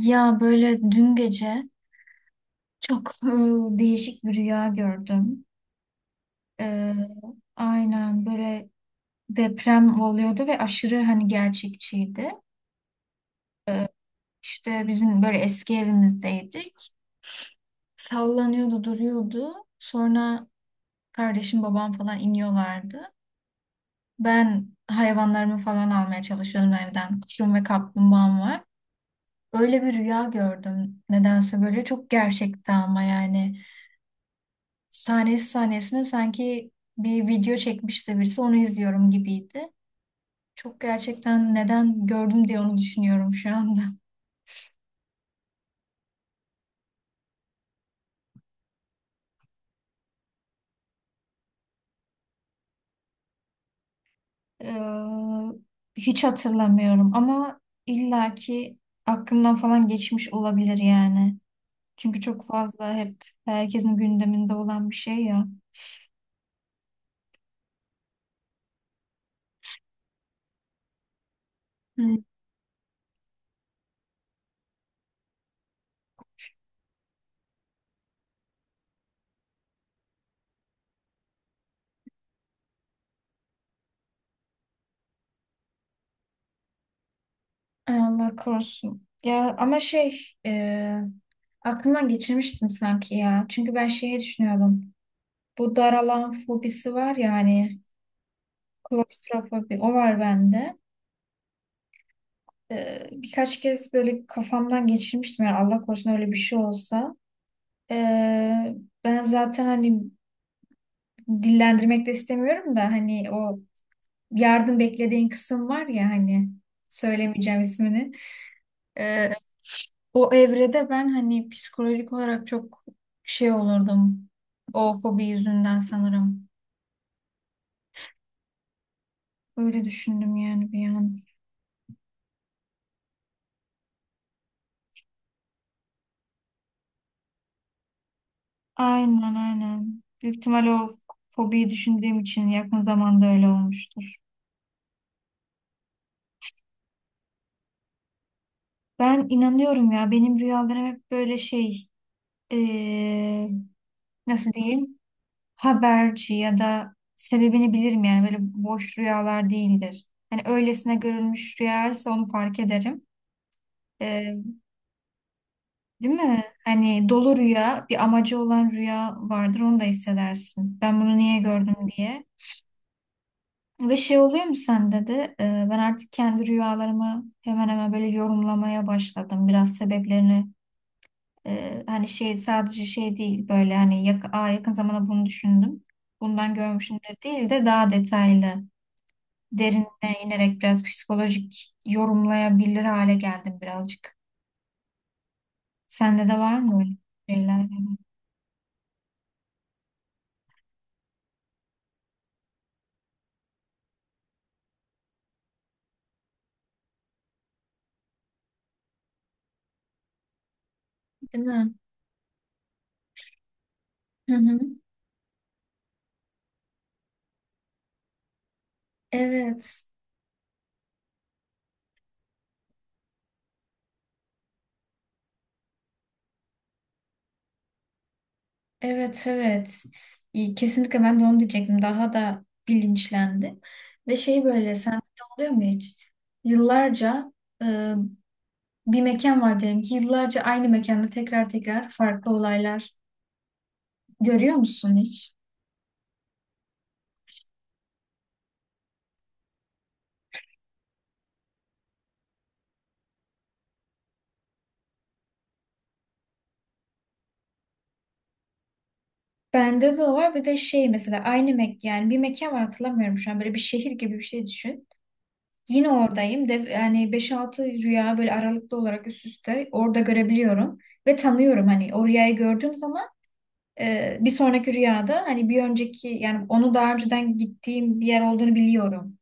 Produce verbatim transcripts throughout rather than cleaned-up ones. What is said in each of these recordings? Ya böyle dün gece çok e, değişik bir rüya gördüm. E, aynen böyle deprem oluyordu ve aşırı hani gerçekçiydi. İşte bizim böyle eski evimizdeydik. Sallanıyordu, duruyordu. Sonra kardeşim, babam falan iniyorlardı. Ben hayvanlarımı falan almaya çalışıyordum evden. Kuşum ve kaplumbağam var. Öyle bir rüya gördüm. Nedense böyle çok gerçekti ama yani. Sahnesi sahnesine sanki bir video çekmiş de birisi onu izliyorum gibiydi. Çok gerçekten neden gördüm diye onu düşünüyorum şu anda. Ee, hiç hatırlamıyorum ama illaki aklımdan falan geçmiş olabilir yani. Çünkü çok fazla hep herkesin gündeminde olan bir şey ya. Hmm. Ay Allah korusun. Ya ama şey e, aklımdan geçirmiştim sanki ya. Çünkü ben şeyi düşünüyordum. Bu daralan fobisi var ya hani. Klostrofobi o var bende. Ee, birkaç kez böyle kafamdan geçirmiştim yani Allah korusun öyle bir şey olsa. Ee, ben zaten hani dillendirmek de istemiyorum da hani o yardım beklediğin kısım var ya hani söylemeyeceğim ismini. Ee, o evrede ben hani psikolojik olarak çok şey olurdum. O fobi yüzünden sanırım. Öyle düşündüm yani bir an. Aynen aynen. Büyük ihtimal o fobiyi düşündüğüm için yakın zamanda öyle olmuştur. Ben inanıyorum ya benim rüyalarım hep böyle şey eee, nasıl diyeyim haberci ya da sebebini bilirim yani böyle boş rüyalar değildir. Hani öylesine görülmüş rüyaysa onu fark ederim. Eee, değil mi? Hani dolu rüya bir amacı olan rüya vardır onu da hissedersin. Ben bunu niye gördüm diye. Ve şey oluyor mu sende de e, ben artık kendi rüyalarımı hemen hemen böyle yorumlamaya başladım. Biraz sebeplerini e, hani şey sadece şey değil böyle hani yak Aa, yakın zamanda bunu düşündüm. Bundan görmüşümdür değil de daha detaylı derinine inerek biraz psikolojik yorumlayabilir hale geldim birazcık. Sende de var mı öyle şeyler? Değil mi? Hı hı. Evet. Evet evet. İyi, kesinlikle ben de onu diyecektim. Daha da bilinçlendim. Ve şey böyle sende de oluyor mu hiç? Yıllarca e, bir mekan var diyelim ki yıllarca aynı mekanda tekrar tekrar farklı olaylar görüyor musun hiç? Bende de var bir de şey mesela aynı mek yani bir mekan var hatırlamıyorum şu an böyle bir şehir gibi bir şey düşün. Yine oradayım de yani beş altı rüya böyle aralıklı olarak üst üste orada görebiliyorum ve tanıyorum hani o rüyayı gördüğüm zaman. Ee, bir sonraki rüyada hani bir önceki yani onu daha önceden gittiğim bir yer olduğunu biliyorum,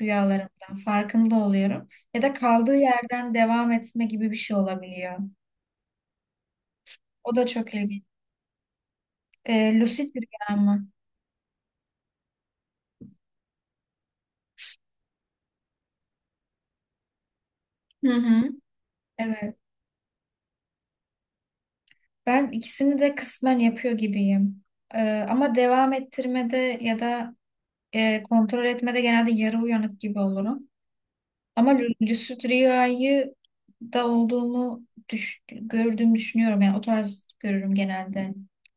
rüyalarımdan farkında oluyorum ya da kaldığı yerden devam etme gibi bir şey olabiliyor. O da çok ilginç. Ee, lucid rüya mı? Hı hı. Evet. Ben ikisini de kısmen yapıyor gibiyim. Ee, ama devam ettirmede ya da e, kontrol etmede genelde yarı uyanık gibi olurum. Ama lü- lucid rüyayı da olduğumu düş gördüğümü düşünüyorum. Yani o tarz görürüm genelde.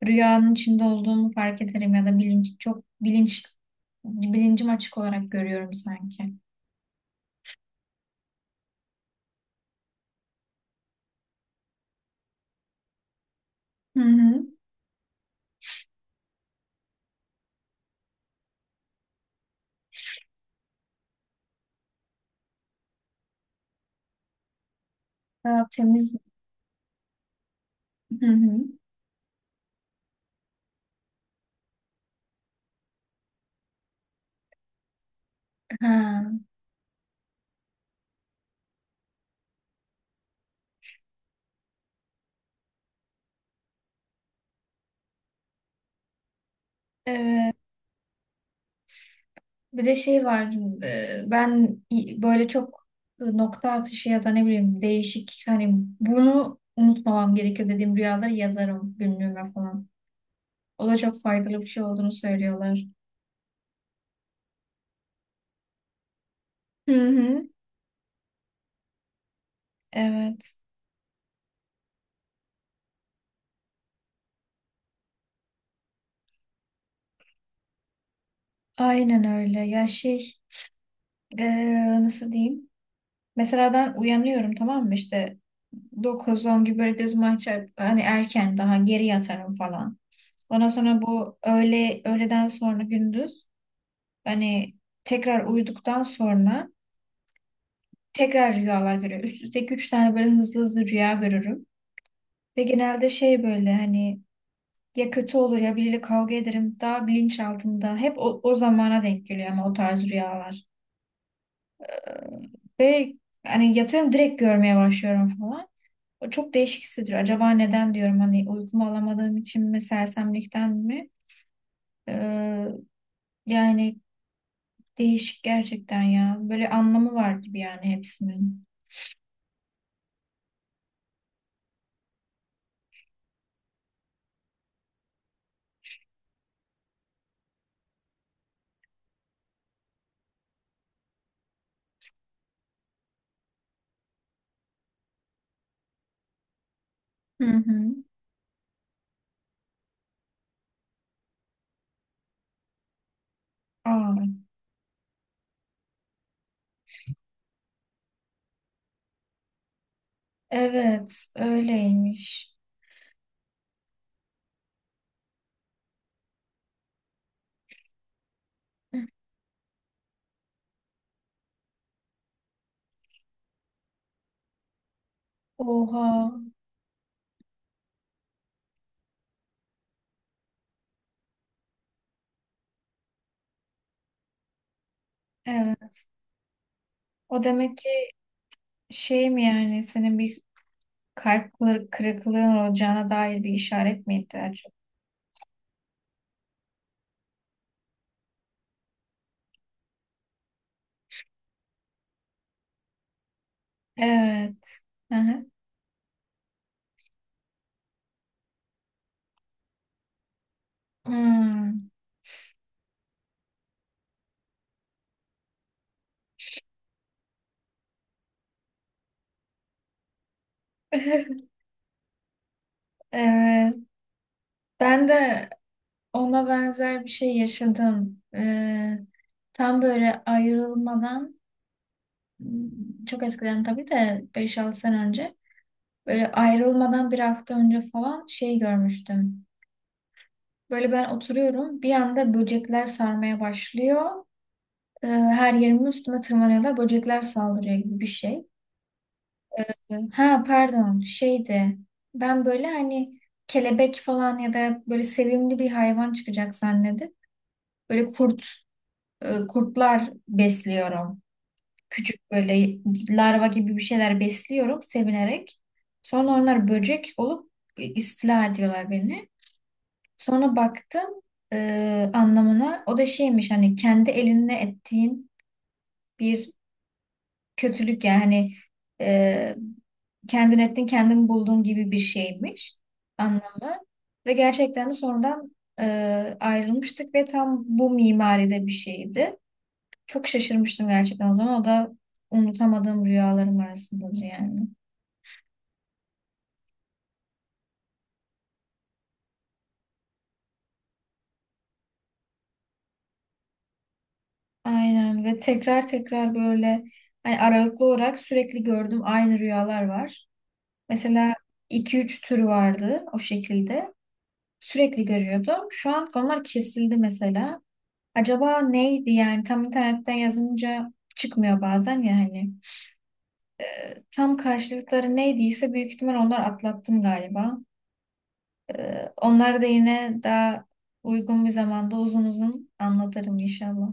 Rüyanın içinde olduğumu fark ederim ya da bilinç çok bilinç bilincim açık olarak görüyorum sanki. Hı hı. Daha temiz. Hı hı. Ha. Evet. Bir de şey var. e, Ben i- böyle çok e, nokta atışı ya da ne bileyim değişik hani bunu unutmamam gerekiyor dediğim rüyaları yazarım günlüğüme falan. O da çok faydalı bir şey olduğunu söylüyorlar. Hı hı. Evet, aynen öyle. Ya şey, eee, nasıl diyeyim? Mesela ben uyanıyorum tamam mı? İşte dokuz on gibi böyle gözümü açar, hani erken daha geri yatarım falan. Ondan sonra bu öğle, öğleden sonra gündüz hani tekrar uyuduktan sonra tekrar rüyalar görüyorum. Üst üste üç tane böyle hızlı hızlı rüya görürüm. Ve genelde şey böyle hani ya kötü olur ya biriyle kavga ederim. Daha bilinçaltımda. Hep o, o zamana denk geliyor ama o tarz rüyalar. Ve hani yatıyorum direkt görmeye başlıyorum falan. O çok değişik hissediyor. Acaba neden diyorum hani uykumu alamadığım için mi sersemlikten mi? Ee, yani değişik gerçekten ya. Böyle anlamı var gibi yani hepsinin. Hı hı. Aa, evet öyleymiş. Oha. Evet. O demek ki şey mi yani senin bir kalp kır- kırıklığın olacağına dair bir işaret mi ihtiyacı? Evet. Hı hı. Hmm. Evet. Ben de ona benzer bir şey yaşadım. Ee, tam böyle ayrılmadan hmm, çok eskiden tabii de beş altı sene önce böyle ayrılmadan bir hafta önce falan şey görmüştüm. Böyle ben oturuyorum bir anda böcekler sarmaya başlıyor. Ee, her yerimi üstüme tırmanıyorlar. Böcekler saldırıyor gibi bir şey. Ha pardon şeydi ben böyle hani kelebek falan ya da böyle sevimli bir hayvan çıkacak zannedip böyle kurt e, kurtlar besliyorum. Küçük böyle larva gibi bir şeyler besliyorum sevinerek. Sonra onlar böcek olup istila ediyorlar beni. Sonra baktım e, anlamına o da şeymiş hani kendi elinle ettiğin bir kötülük yani hani e, kendin ettin kendin buldun gibi bir şeymiş anlamı. Ve gerçekten de sonradan e, ayrılmıştık ve tam bu mimaride bir şeydi. Çok şaşırmıştım gerçekten o zaman. O da unutamadığım rüyalarım arasındadır yani. Aynen ve tekrar tekrar böyle hani aralıklı olarak sürekli gördüğüm aynı rüyalar var. Mesela iki üç tür vardı o şekilde. Sürekli görüyordum. Şu an onlar kesildi mesela. Acaba neydi yani tam internetten yazınca çıkmıyor bazen ya hani. Tam karşılıkları neydiyse büyük ihtimal onlar atlattım galiba. Ee, onları da yine daha uygun bir zamanda uzun uzun anlatırım inşallah.